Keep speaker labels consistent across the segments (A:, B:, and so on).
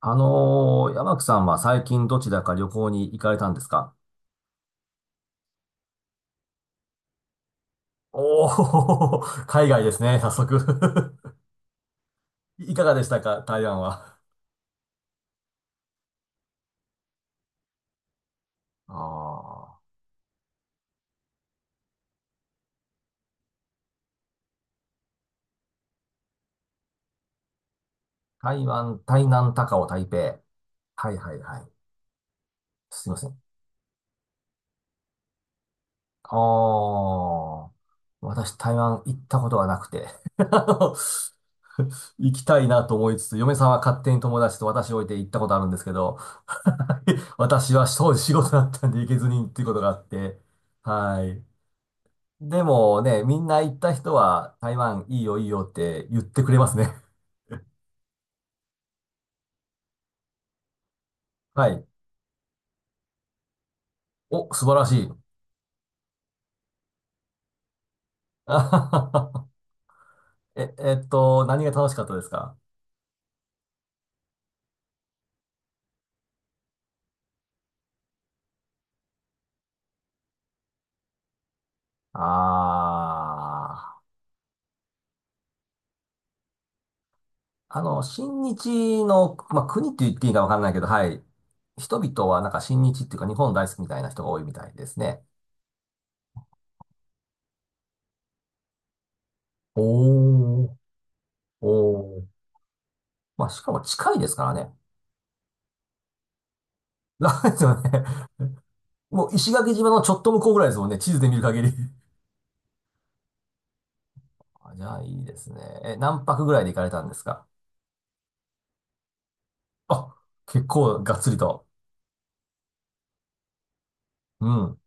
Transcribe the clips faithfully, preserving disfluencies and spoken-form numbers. A: あのー山木さんは最近どちらか旅行に行かれたんですか？おおー、海外ですね、早速。 いかがでしたか、台湾は？ああ、台湾、台南、高雄、台北。はいはいはい。すいません。ああ、私台湾行ったことがなくて、 あの行きたいなと思いつつ、嫁さんは勝手に友達と私を置いて行ったことあるんですけど、私はそう仕事だったんで行けずにっていうことがあって、はい。でもね、みんな行った人は台湾いいよいいよって言ってくれますね。はい。お、素晴らしい。あはははえ、えっと、何が楽しかったですか？ああー、あの、親日の、まあ、国って言っていいかわかんないけど、はい。人々はなんか親日っていうか日本大好きみたいな人が多いみたいですね。おー、おー。まあ、しかも近いですからね。なんですよね。もう石垣島のちょっと向こうぐらいですもんね。地図で見る限り。あ、じゃあいいですね。え、何泊ぐらいで行かれたんですか？あ、結構がっつりと。うん。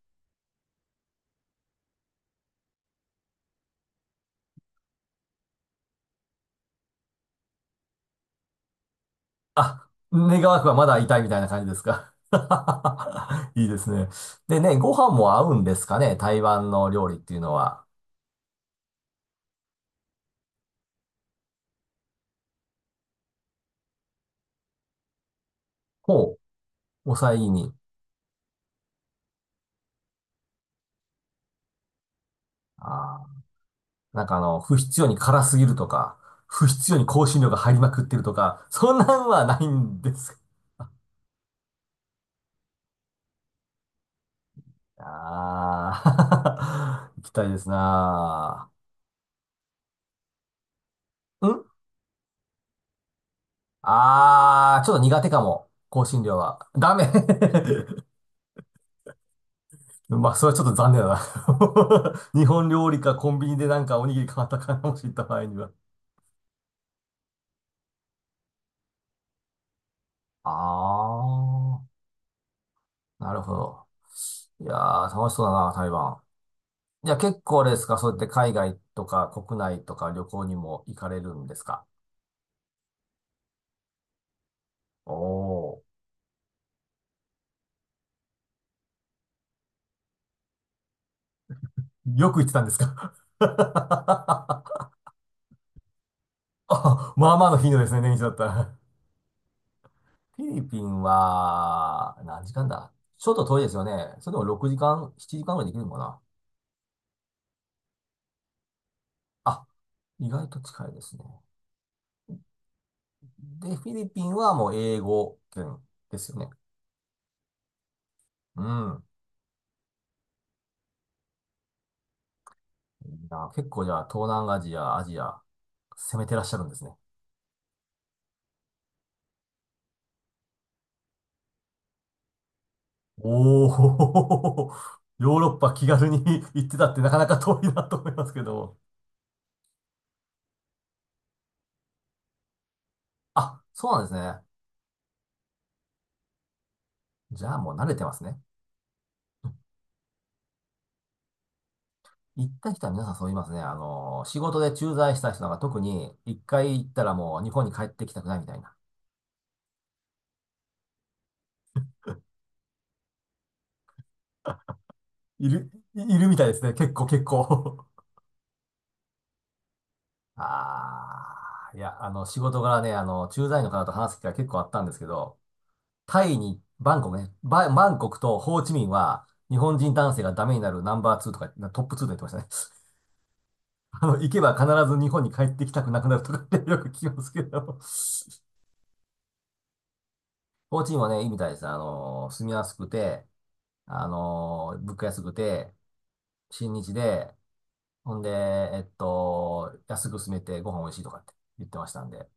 A: あ、願わくはまだ痛いみたいな感じですか？ いいですね。でね、ご飯も合うんですかね、台湾の料理っていうのは。ほう、抑え気味。あー、なんかあの、不必要に辛すぎるとか、不必要に香辛料が入りまくってるとか、そんなんはないんですか？あ、 あー、行きたいですなあ。んあー、ちょっと苦手かも。香辛料は。ダメ。 まあ、それはちょっと残念だな。 日本料理かコンビニでなんかおにぎり買ったかもしれた場合には。あー、なるほど。いやー、楽しそうだな、台湾。じゃあ結構あれですか、そうやって海外とか国内とか旅行にも行かれるんですか？おー、よく行ってたんですか？ あ、まあまあの頻度ですね、年一だったら。フィリピンは、何時間だ、ちょっと遠いですよね。それでもろくじかん、ななじかんぐらいできるのかな？あ、意外と近いですね。で、フィリピンはもう英語圏ですよね。うん。いいな、結構じゃあ、東南アジア、アジア、攻めてらっしゃるんですね。おー、ヨーロッパ気軽に 行ってたってなかなか遠いなと思いますけど。あ、そうなんですね。じゃあもう慣れてますね。行った人は皆さんそう言いますね。あの、仕事で駐在した人なんか特に一回行ったらもう日本に帰ってきたくないみたいな。いる、いるみたいですね。結構結構。 ああ、いや、あの、仕事柄ね、あの、駐在の方と話す機会結構あったんですけど、タイに、バンコクね、バ、バンコクとホーチミンは日本人男性がダメになるナンバーツーとか、なトップツーと言ってましたね。あの、行けば必ず日本に帰ってきたくなくなるとかってよく聞きますけど、ホーチミンはね、いいみたいです。あの、住みやすくて、あの物価安くて、新日で、ほんで、えっと、安く住めてご飯美味しいとかって言ってましたんで、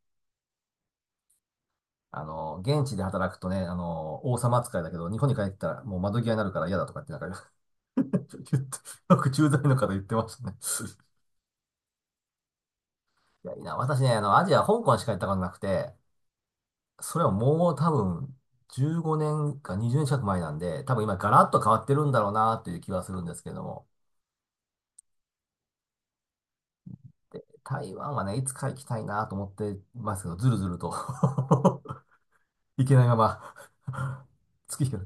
A: あの現地で働くとね、あの王様扱いだけど、日本に帰ったらもう窓際になるから嫌だとかってなんか、 言って、よく駐在の方言ってましたね。いや、いいな、私ね、あの、アジア、香港しか行ったことなくて、それはもう多分、じゅうごねんかにじゅうねん近く前なんで、多分今ガラッと変わってるんだろうなという気はするんですけども。で、台湾はね、いつか行きたいなと思ってますけど、ずるずると 行けないまま、 月日が。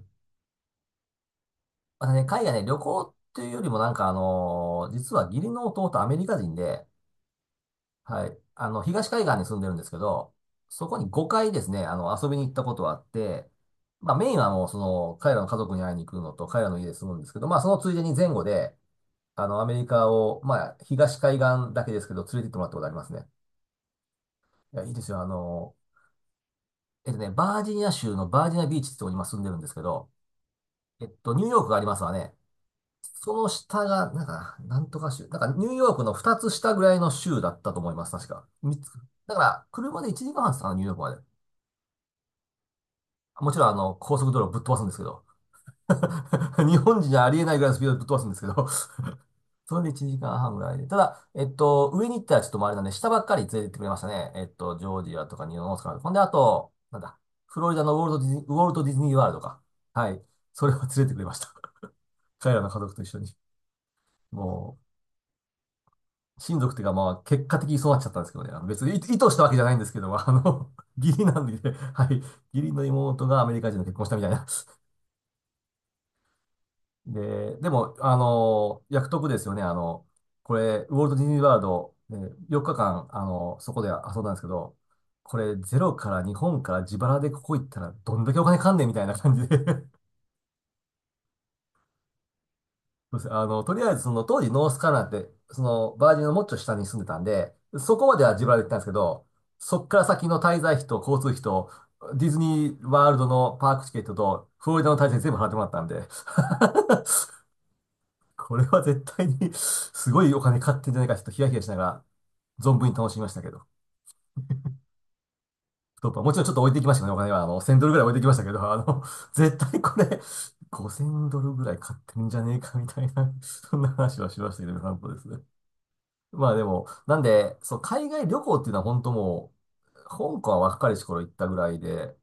A: またね、海外ね、旅行っていうよりもなんかあのー実は義理の弟アメリカ人で、はい、あの、東海岸に住んでるんですけど、そこにごかいですね、あの、遊びに行ったことはあって、まあメインはもうその、彼らの家族に会いに行くのと、彼らの家で住むんですけど、まあそのついでに前後で、あの、アメリカを、まあ東海岸だけですけど、連れて行ってもらったことありますね。いや、いいですよ。あのーえっとね、バージニア州のバージニアビーチってとこに今住んでるんですけど、えっと、ニューヨークがありますわね。その下が、なんか、なんとか州。なんか、ニューヨークのふたつ下ぐらいの州だったと思います、確か。みっつ。だから、車でいちじかんはんですかね、ニューヨークまで。もちろん、あの、高速道路ぶっ飛ばすんですけど。日本人じゃありえないぐらいのスピードでぶっ飛ばすんですけど。それでいちじかんはんぐらいで。ただ、えっと、上に行ったらちょっとあれなんで、下ばっかり連れてってくれましたね。えっと、ジョージアとかニューオースカーとか、ほんで、あと、なんだ、フロリダのウォルトディズニー、ウォルトディズニーワールドか。はい。それを連れてくれました。彼らの家族と一緒に。もう、親族っていうか、まあ、結果的にそうなっちゃったんですけどね。あの別に意図したわけじゃないんですけど、もあの、義理なんでね、はい。義理の妹がアメリカ人と結婚したみたいな。で、でも、あの、約束ですよね。あの、これ、ウォルト・ディズニー・ワールド、えよっかかん、あの、そこで遊んだんですけど、これ、ゼロから日本から自腹でここ行ったら、どんだけお金かんねんみたいな感じで、 そうです。 あの、とりあえず、その、当時、ノースカロライナって、その、バージンのもっちょ下に住んでたんで、そこまでは自腹で行ったんですけど、そっから先の滞在費と交通費と、ディズニーワールドのパークチケットと、フロリダの滞在費全部払ってもらったんで、 これは絶対に すごいお金買ってんじゃないか、ちょっとヒヤヒヤしながら、存分に楽しみましたけど。太っ腹もちろんちょっと置いていきましたけどね、お金は。あの、せんドルぐらい置いていきましたけど、あの、絶対これ、ごせんドルぐらい買ってるんじゃねえか、みたいな、そんな話はしましたけど、なんとですね。まあでも、なんで、そう、海外旅行っていうのは本当もう、香港は若い頃行ったぐらいで、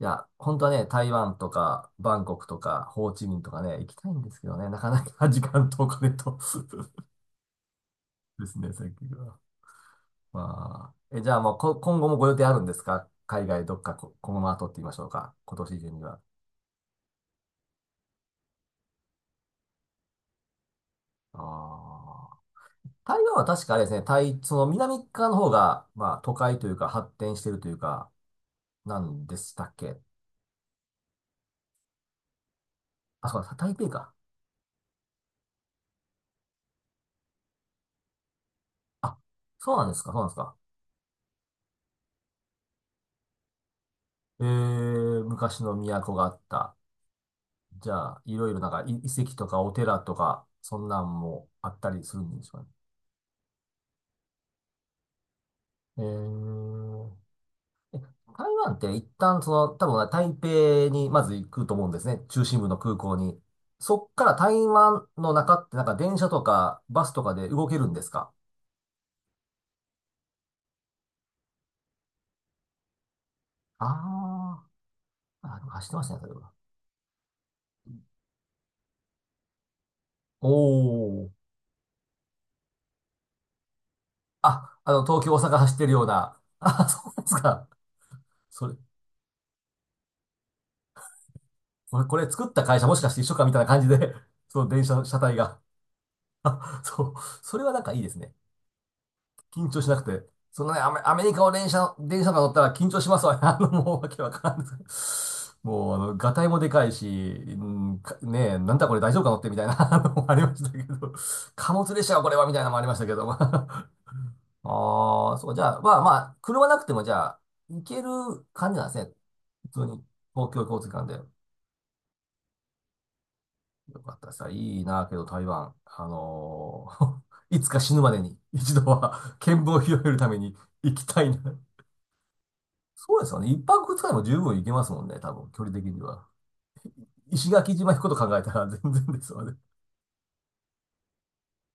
A: いや、本当はね、台湾とか、バンコクとか、ホーチミンとかね、行きたいんですけどね、なかなか時間とお金と。 ですね、さっきが。まあ、え、じゃあもうこ、今後もご予定あるんですか、海外どっか、こ、この後って言いましょうか。今年中には。ああ。台湾は確かあれですね、台、その南側の方が、まあ都会というか発展してるというか、なんでしたっけ？あ、そうだ、台北か。あ、そうなんですか、そうなんですか。えー、昔の都があった。じゃあ、いろいろなんかい遺跡とかお寺とか、そんなんもあったりするんでしょうかね。えー台湾って一旦その、多分台北にまず行くと思うんですね。中心部の空港に。そっから台湾の中ってなんか電車とかバスとかで動けるんですか？あーあ、でも走ってましたね、それは。おー。あ、あの、東京、大阪走ってるような。あ、そうですか。それ、これ、これ作った会社もしかして一緒かみたいな感じで、その電車の車体が。そう。それはなんかいいですね。緊張しなくて。そのね、アメ、アメリカを電車、電車とか乗ったら緊張しますわね。あの、もうわけわからん。もう、あの、ガタイもでかいし、うんかねえ、なんだこれ大丈夫か乗ってみたいな、 あのもありましたけど、貨物列車はこれはみたいなのもありましたけど。ああ、そう、じゃあ、まあまあ、車なくてもじゃあ、行ける感じなんですね。普通に、公共交通機関で。よかったさ、いいな、けど台湾、あのー いつか死ぬまでに一度は見聞 を広げるために行きたいな。そうですよね。一泊二日でも十分行けますもんね、多分、距離的には。石垣島行くこと考えたら全然ですよね。